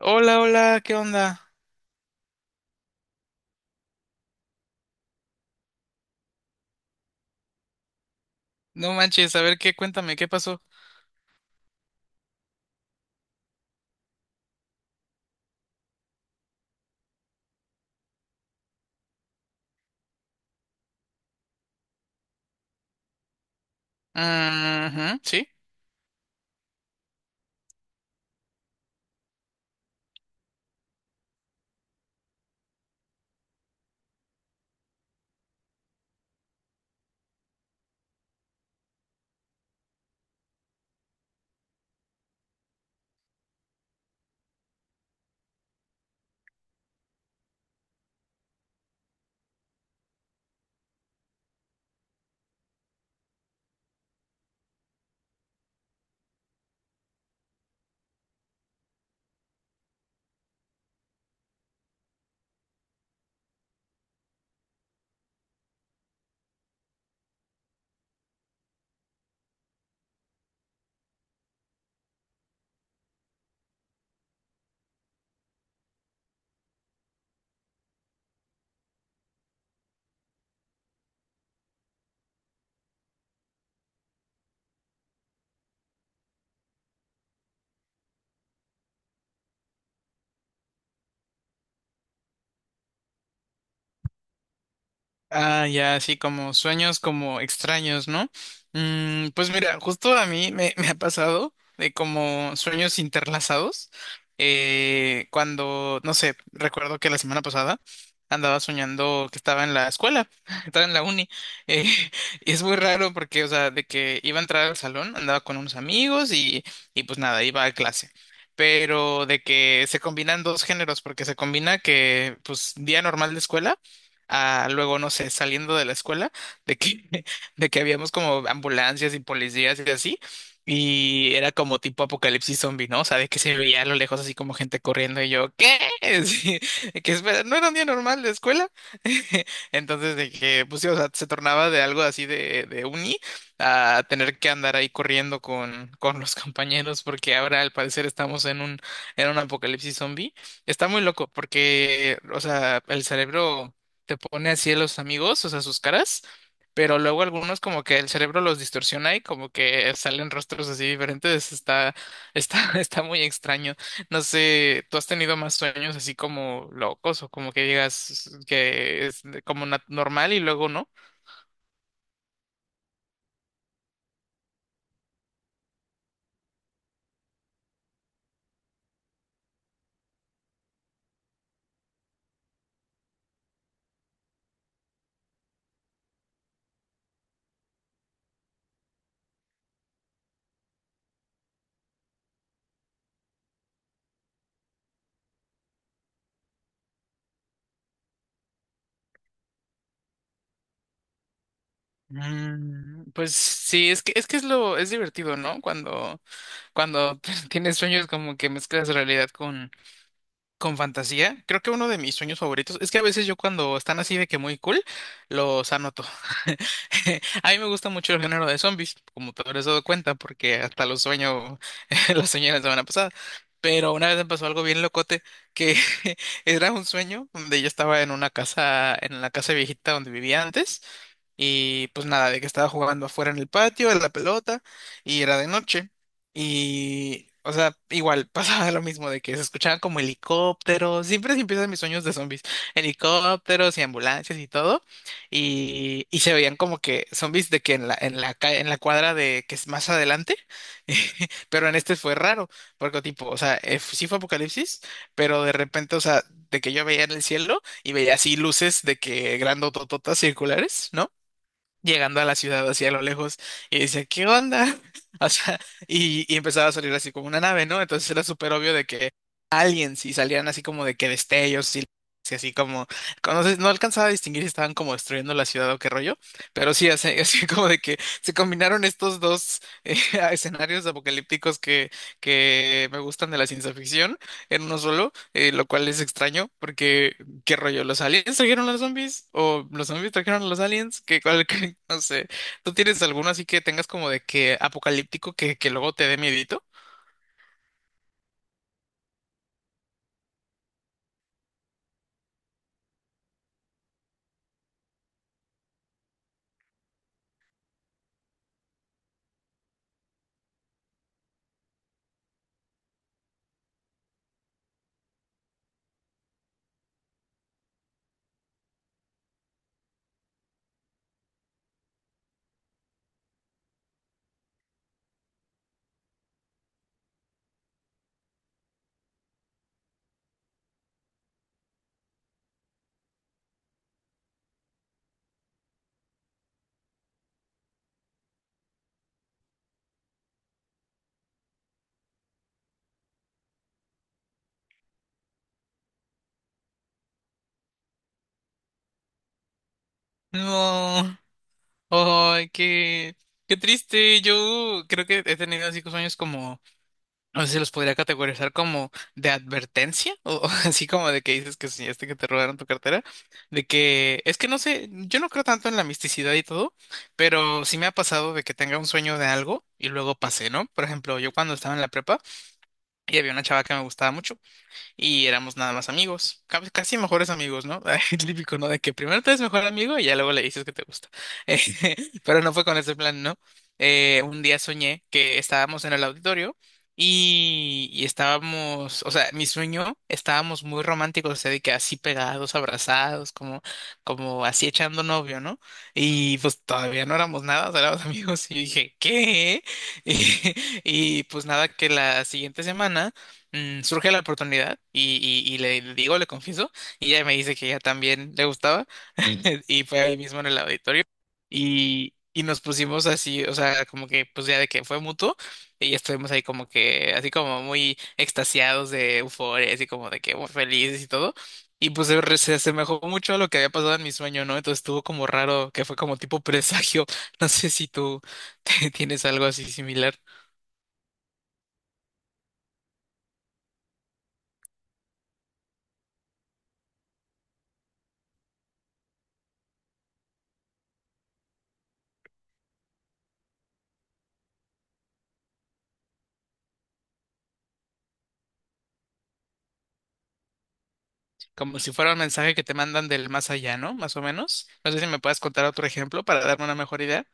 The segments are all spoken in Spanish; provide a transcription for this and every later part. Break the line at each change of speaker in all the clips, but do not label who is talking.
Hola, hola, ¿qué onda? No manches, a ver qué, cuéntame, ¿qué pasó? Ujú, ¿sí? Ah, ya, sí, como sueños como extraños, ¿no? Mm, pues mira, justo a mí me ha pasado de como sueños interlazados. Cuando, no sé, recuerdo que la semana pasada andaba soñando que estaba en la escuela, estaba en la uni. eh, y es muy raro porque, o sea, de que iba a entrar al salón, andaba con unos amigos y pues nada, iba a clase. Pero de que se combinan dos géneros, porque se combina que, pues, día normal de escuela a luego, no sé, saliendo de la escuela, de que, de que habíamos como ambulancias y policías y así, y era como tipo apocalipsis zombie, ¿no? O sea, de que se veía a lo lejos así como gente corriendo y yo, ¿qué? Sí, que espera, no era un día normal de escuela. Entonces, de que, pues sí, o sea, se tornaba de algo así de, uni a tener que andar ahí corriendo con los compañeros, porque ahora al parecer estamos en un apocalipsis zombie. Está muy loco porque, o sea, el cerebro te pone así a los amigos, o sea, sus caras, pero luego algunos como que el cerebro los distorsiona y como que salen rostros así diferentes, está, está, está muy extraño. No sé, ¿tú has tenido más sueños así como locos o como que digas que es como normal y luego no? Mm, pues sí, es que es lo es divertido, ¿no? Cuando tienes sueños como que mezclas realidad con fantasía, creo que uno de mis sueños favoritos es que a veces yo cuando están así de que muy cool, los anoto. A mí me gusta mucho el género de zombies, como te habrás dado cuenta, porque hasta los sueño, los soñé la semana pasada. Pero una vez me pasó algo bien locote, que era un sueño donde yo estaba en una casa, en la casa viejita donde vivía antes. Y pues nada, de que estaba jugando afuera en el patio, en la pelota, y era de noche. Y, o sea, igual pasaba lo mismo, de que se escuchaban como helicópteros, siempre se empiezan mis sueños de zombies, helicópteros y ambulancias y todo. Y se veían como que zombies de que en la cuadra de que es más adelante, pero en este fue raro, porque tipo, o sea, sí fue apocalipsis, pero de repente, o sea, de que yo veía en el cielo y veía así luces de que grandotototas circulares, ¿no? Llegando a la ciudad hacia lo lejos y dice, ¿qué onda? O sea, y empezaba a salir así como una nave, ¿no? Entonces era súper obvio de que aliens y salían así como de que destellos y así como, conoces, no alcanzaba a distinguir si estaban como destruyendo la ciudad o qué rollo, pero sí, así, así como de que se combinaron estos dos escenarios apocalípticos que me gustan de la ciencia ficción en uno solo, lo cual es extraño porque ¿qué rollo? ¿Los aliens trajeron a los zombies? ¿O los zombies trajeron a los aliens? ¿Qué, cuál, qué? No sé. ¿Tú tienes alguno así que tengas como de que apocalíptico que luego te dé miedito? No. Ay, qué triste. Yo creo que he tenido así sueños como, no sé si los podría categorizar como de advertencia o, así como de que dices que soñaste que te robaron tu cartera, de que es que no sé, yo no creo tanto en la misticidad y todo, pero sí me ha pasado de que tenga un sueño de algo y luego pasé, ¿no? Por ejemplo, yo cuando estaba en la prepa y había una chava que me gustaba mucho y éramos nada más amigos, casi mejores amigos, ¿no? El típico, ¿no? De que primero te eres mejor amigo y ya luego le dices que te gusta. Eh, pero no fue con ese plan, ¿no? Un día soñé que estábamos en el auditorio y estábamos, o sea, mi sueño, estábamos muy románticos, o sea, de que así pegados, abrazados, como así echando novio, ¿no? Y pues todavía no éramos nada, o sea, éramos amigos y yo dije, ¿qué? Y, y pues nada, que la siguiente semana surge la oportunidad y le, digo, le confieso, y ella me dice que ella también le gustaba y fue ahí mismo en el auditorio y nos pusimos así, o sea, como que pues ya de que fue mutuo y estuvimos ahí como que así como muy extasiados de euforia, así como de que muy felices y todo. Y pues se asemejó mucho a lo que había pasado en mi sueño, ¿no? Entonces estuvo como raro, que fue como tipo presagio. No sé si tú tienes algo así similar. Como si fuera un mensaje que te mandan del más allá, ¿no? Más o menos. No sé si me puedes contar otro ejemplo para darme una mejor idea.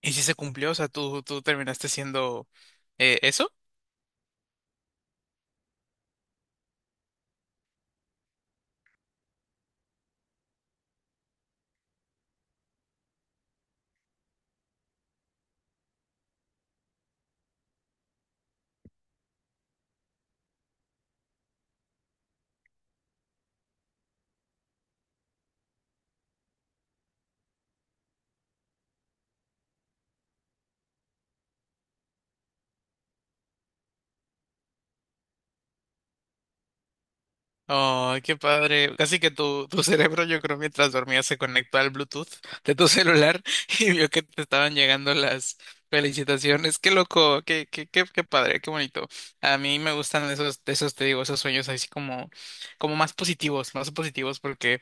Y si se cumplió, o sea, tú terminaste siendo, eso. Oh, qué padre. Casi que tu cerebro, yo creo, mientras dormía se conectó al Bluetooth de tu celular y vio que te estaban llegando las felicitaciones. Qué loco, qué padre, qué bonito. A mí me gustan esos, te digo, esos sueños así como más positivos porque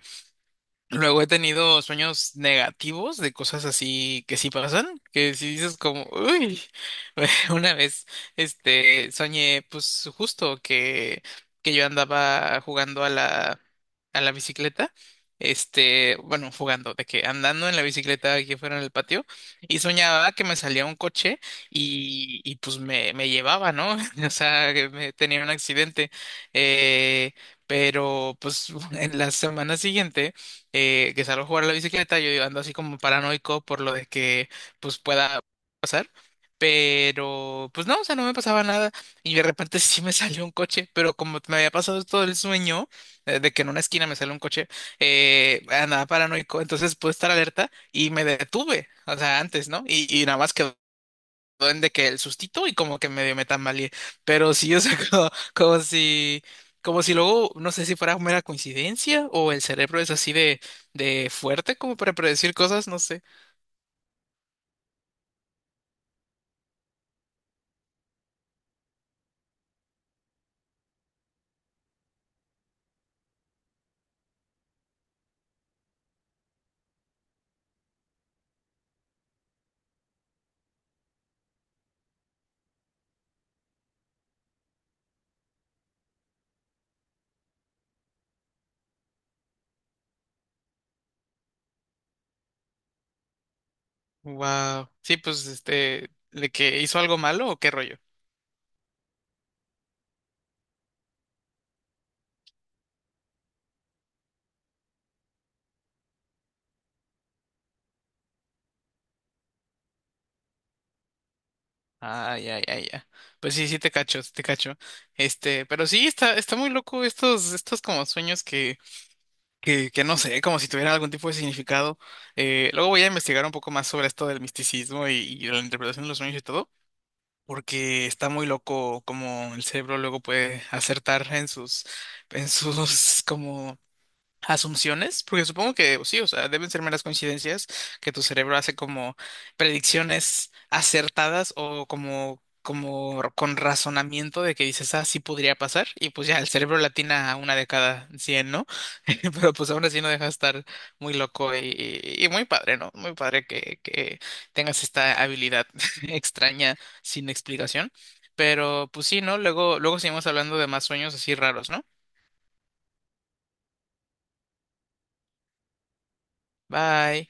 luego he tenido sueños negativos de cosas así que sí pasan, que si dices como, uy, una vez, este, soñé pues justo que, yo andaba jugando a la bicicleta, este, bueno, jugando, de que andando en la bicicleta aquí fuera en el patio, y soñaba que me salía un coche y pues me llevaba, ¿no? O sea, que me tenía un accidente, eh, pero pues en la semana siguiente que salgo a jugar a la bicicleta, yo ando así como paranoico por lo de que pues pueda pasar. Pero pues no, o sea, no me pasaba nada y de repente sí me salió un coche, pero como me había pasado todo el sueño, de que en una esquina me sale un coche, andaba paranoico, entonces pude estar alerta y me detuve, o sea, antes, ¿no? Y nada más quedó de que el sustito y como que medio me tambaleé. Pero sí, o sea, como si luego, no sé si fuera mera coincidencia o el cerebro es así de fuerte como para predecir cosas, no sé. Wow. Sí, pues este, de que hizo algo malo o qué rollo. Ah, ya, ya, ya. Pues sí, sí te cacho, sí te cacho. Este, pero sí, está muy loco estos como sueños que, no sé, como si tuvieran algún tipo de significado. Luego voy a investigar un poco más sobre esto del misticismo y de la interpretación de los sueños y todo, porque está muy loco como el cerebro luego puede acertar en sus, como asunciones, porque supongo que pues, sí, o sea, deben ser meras coincidencias que tu cerebro hace como predicciones acertadas o como con razonamiento de que dices, ah, sí podría pasar, y pues ya el cerebro latina a una de cada 100, ¿no? Pero pues aún así no deja de estar muy loco y muy padre, ¿no? Muy padre que tengas esta habilidad extraña sin explicación. Pero pues sí, ¿no? Luego, luego seguimos hablando de más sueños así raros, ¿no? Bye.